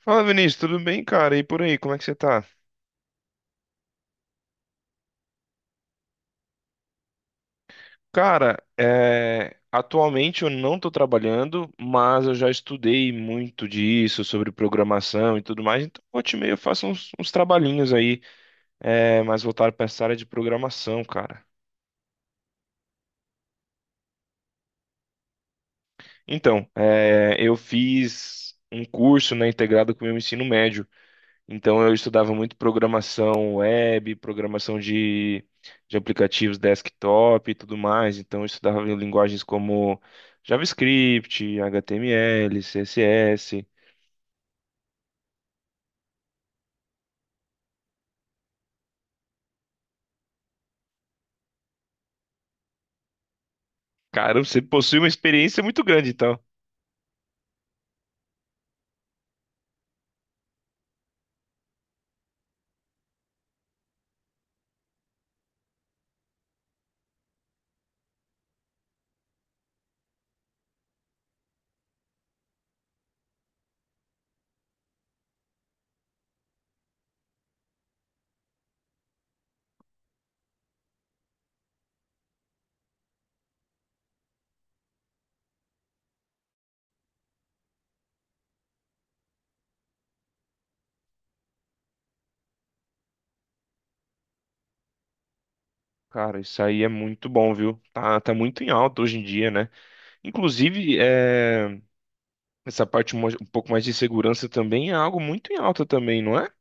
Fala, Vinícius, tudo bem, cara? E por aí, como é que você tá? Cara, atualmente eu não tô trabalhando, mas eu já estudei muito disso, sobre programação e tudo mais, então volta e meia eu faço uns trabalhinhos aí, mais voltado para essa área de programação, cara. Então, eu fiz um curso, né, integrado com o meu ensino médio. Então eu estudava muito programação web, programação de aplicativos desktop e tudo mais. Então eu estudava linguagens como JavaScript, HTML, CSS. Cara, você possui uma experiência muito grande, então. Cara, isso aí é muito bom, viu? Tá muito em alta hoje em dia, né? Inclusive, essa parte um pouco mais de segurança também é algo muito em alta também, não é?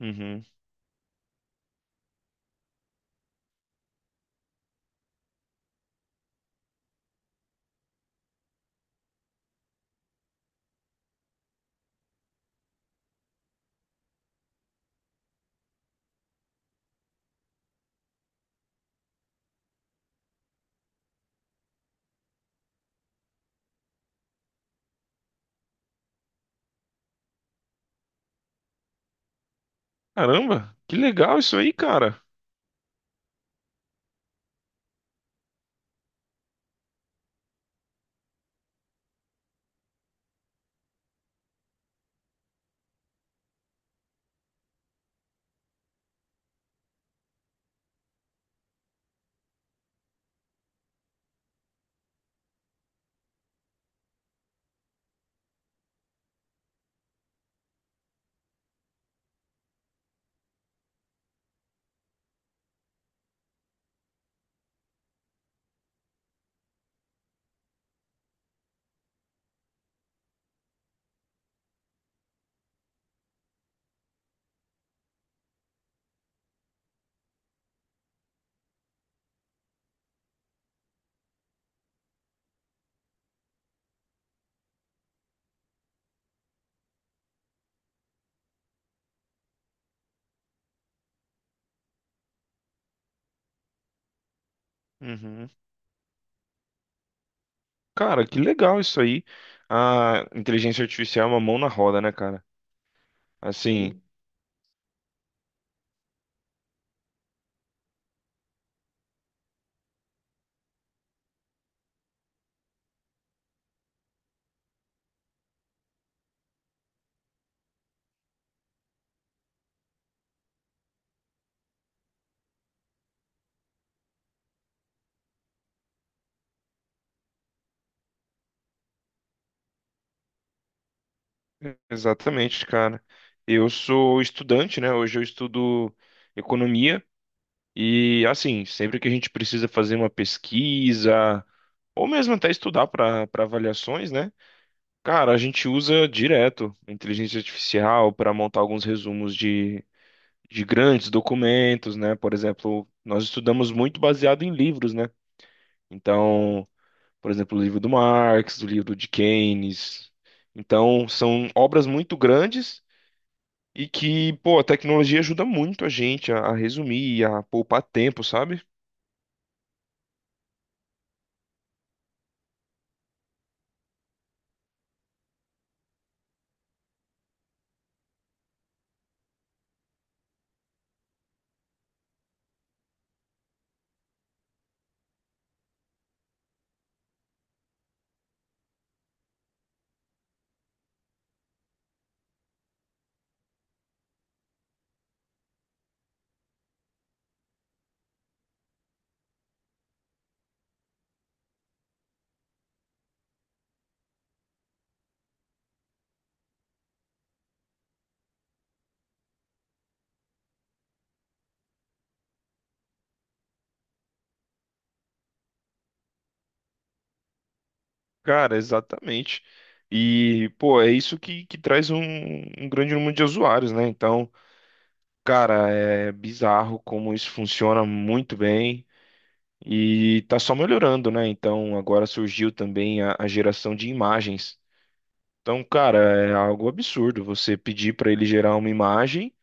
Uhum. Caramba, que legal isso aí, cara. Uhum. Cara, que legal isso aí. A inteligência artificial é uma mão na roda, né, cara? Assim, sim. Exatamente, cara. Eu sou estudante, né? Hoje eu estudo economia e, assim, sempre que a gente precisa fazer uma pesquisa ou mesmo até estudar para avaliações, né? Cara, a gente usa direto a inteligência artificial para montar alguns resumos de grandes documentos, né? Por exemplo, nós estudamos muito baseado em livros, né? Então. Por exemplo, o livro do Marx, o livro de Keynes. Então, são obras muito grandes e que, pô, a tecnologia ajuda muito a gente a resumir, a poupar tempo, sabe? Cara, exatamente. E, pô, é isso que traz um, um grande número de usuários, né? Então, cara, é bizarro como isso funciona muito bem e tá só melhorando, né? Então, agora surgiu também a geração de imagens. Então, cara, é algo absurdo você pedir para ele gerar uma imagem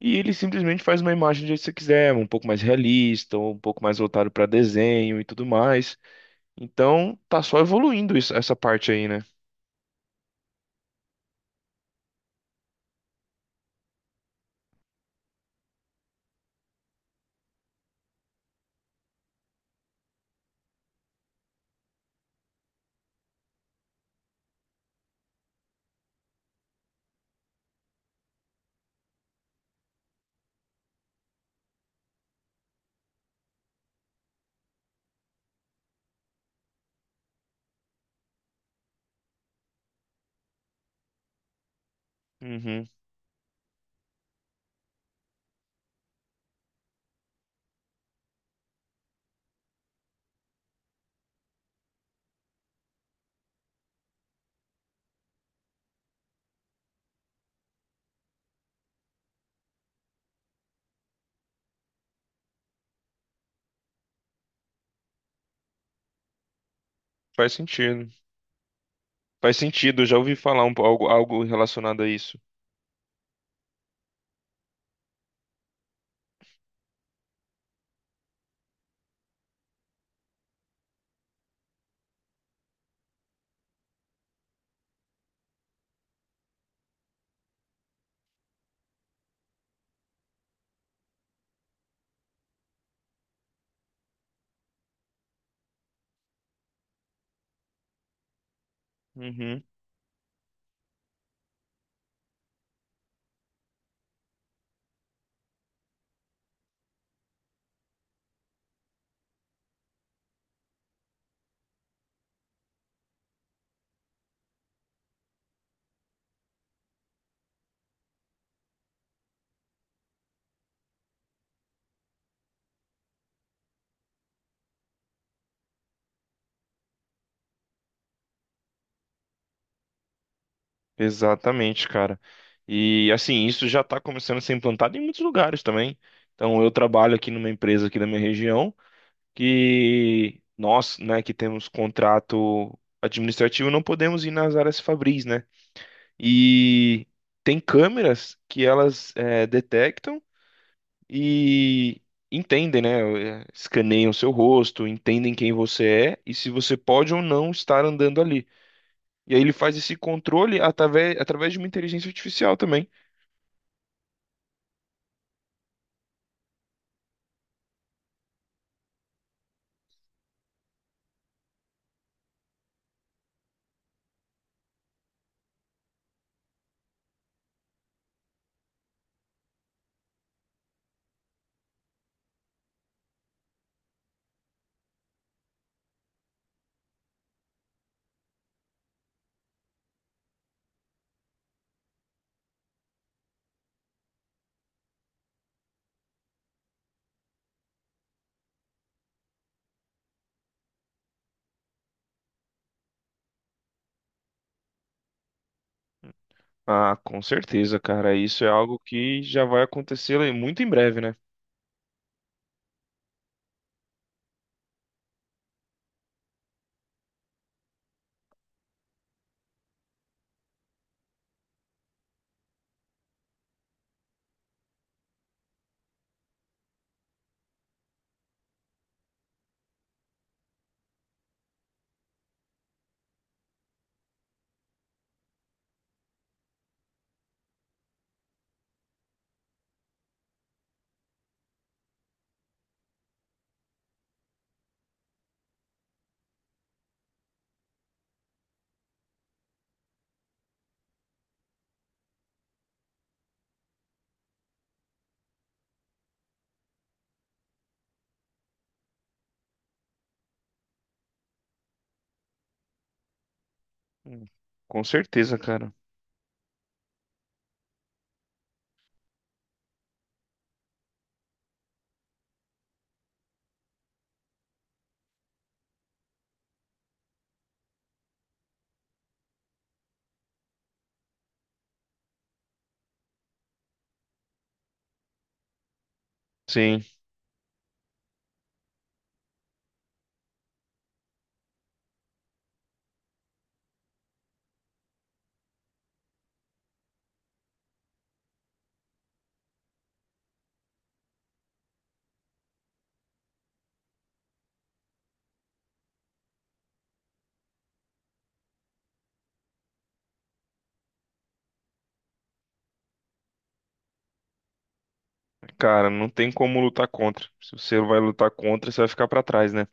e ele simplesmente faz uma imagem do jeito que você quiser, um pouco mais realista, ou um pouco mais voltado para desenho e tudo mais. Então, tá só evoluindo essa parte aí, né? Uhum. Faz sentido. Faz sentido, eu já ouvi falar um, algo, algo relacionado a isso. Uhum. Exatamente, cara. E assim, isso já está começando a ser implantado em muitos lugares também. Então, eu trabalho aqui numa empresa aqui da minha região, que nós, né, que temos contrato administrativo, não podemos ir nas áreas fabris, né? E tem câmeras que elas detectam e entendem, né? Escaneiam seu rosto, entendem quem você é e se você pode ou não estar andando ali. E aí ele faz esse controle através de uma inteligência artificial também. Ah, com certeza, cara. Isso é algo que já vai acontecer, né, muito em breve, né? Hum. Com certeza, cara. Sim. Cara, não tem como lutar contra. Se você vai lutar contra, você vai ficar pra trás, né?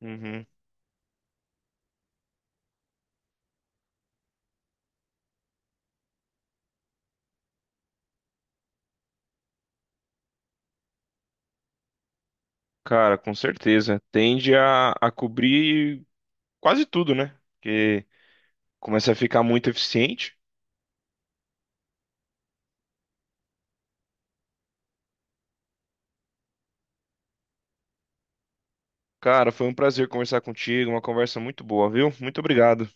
Uhum. Cara, com certeza. Tende a cobrir quase tudo, né? Porque começa a ficar muito eficiente. Cara, foi um prazer conversar contigo, uma conversa muito boa, viu? Muito obrigado.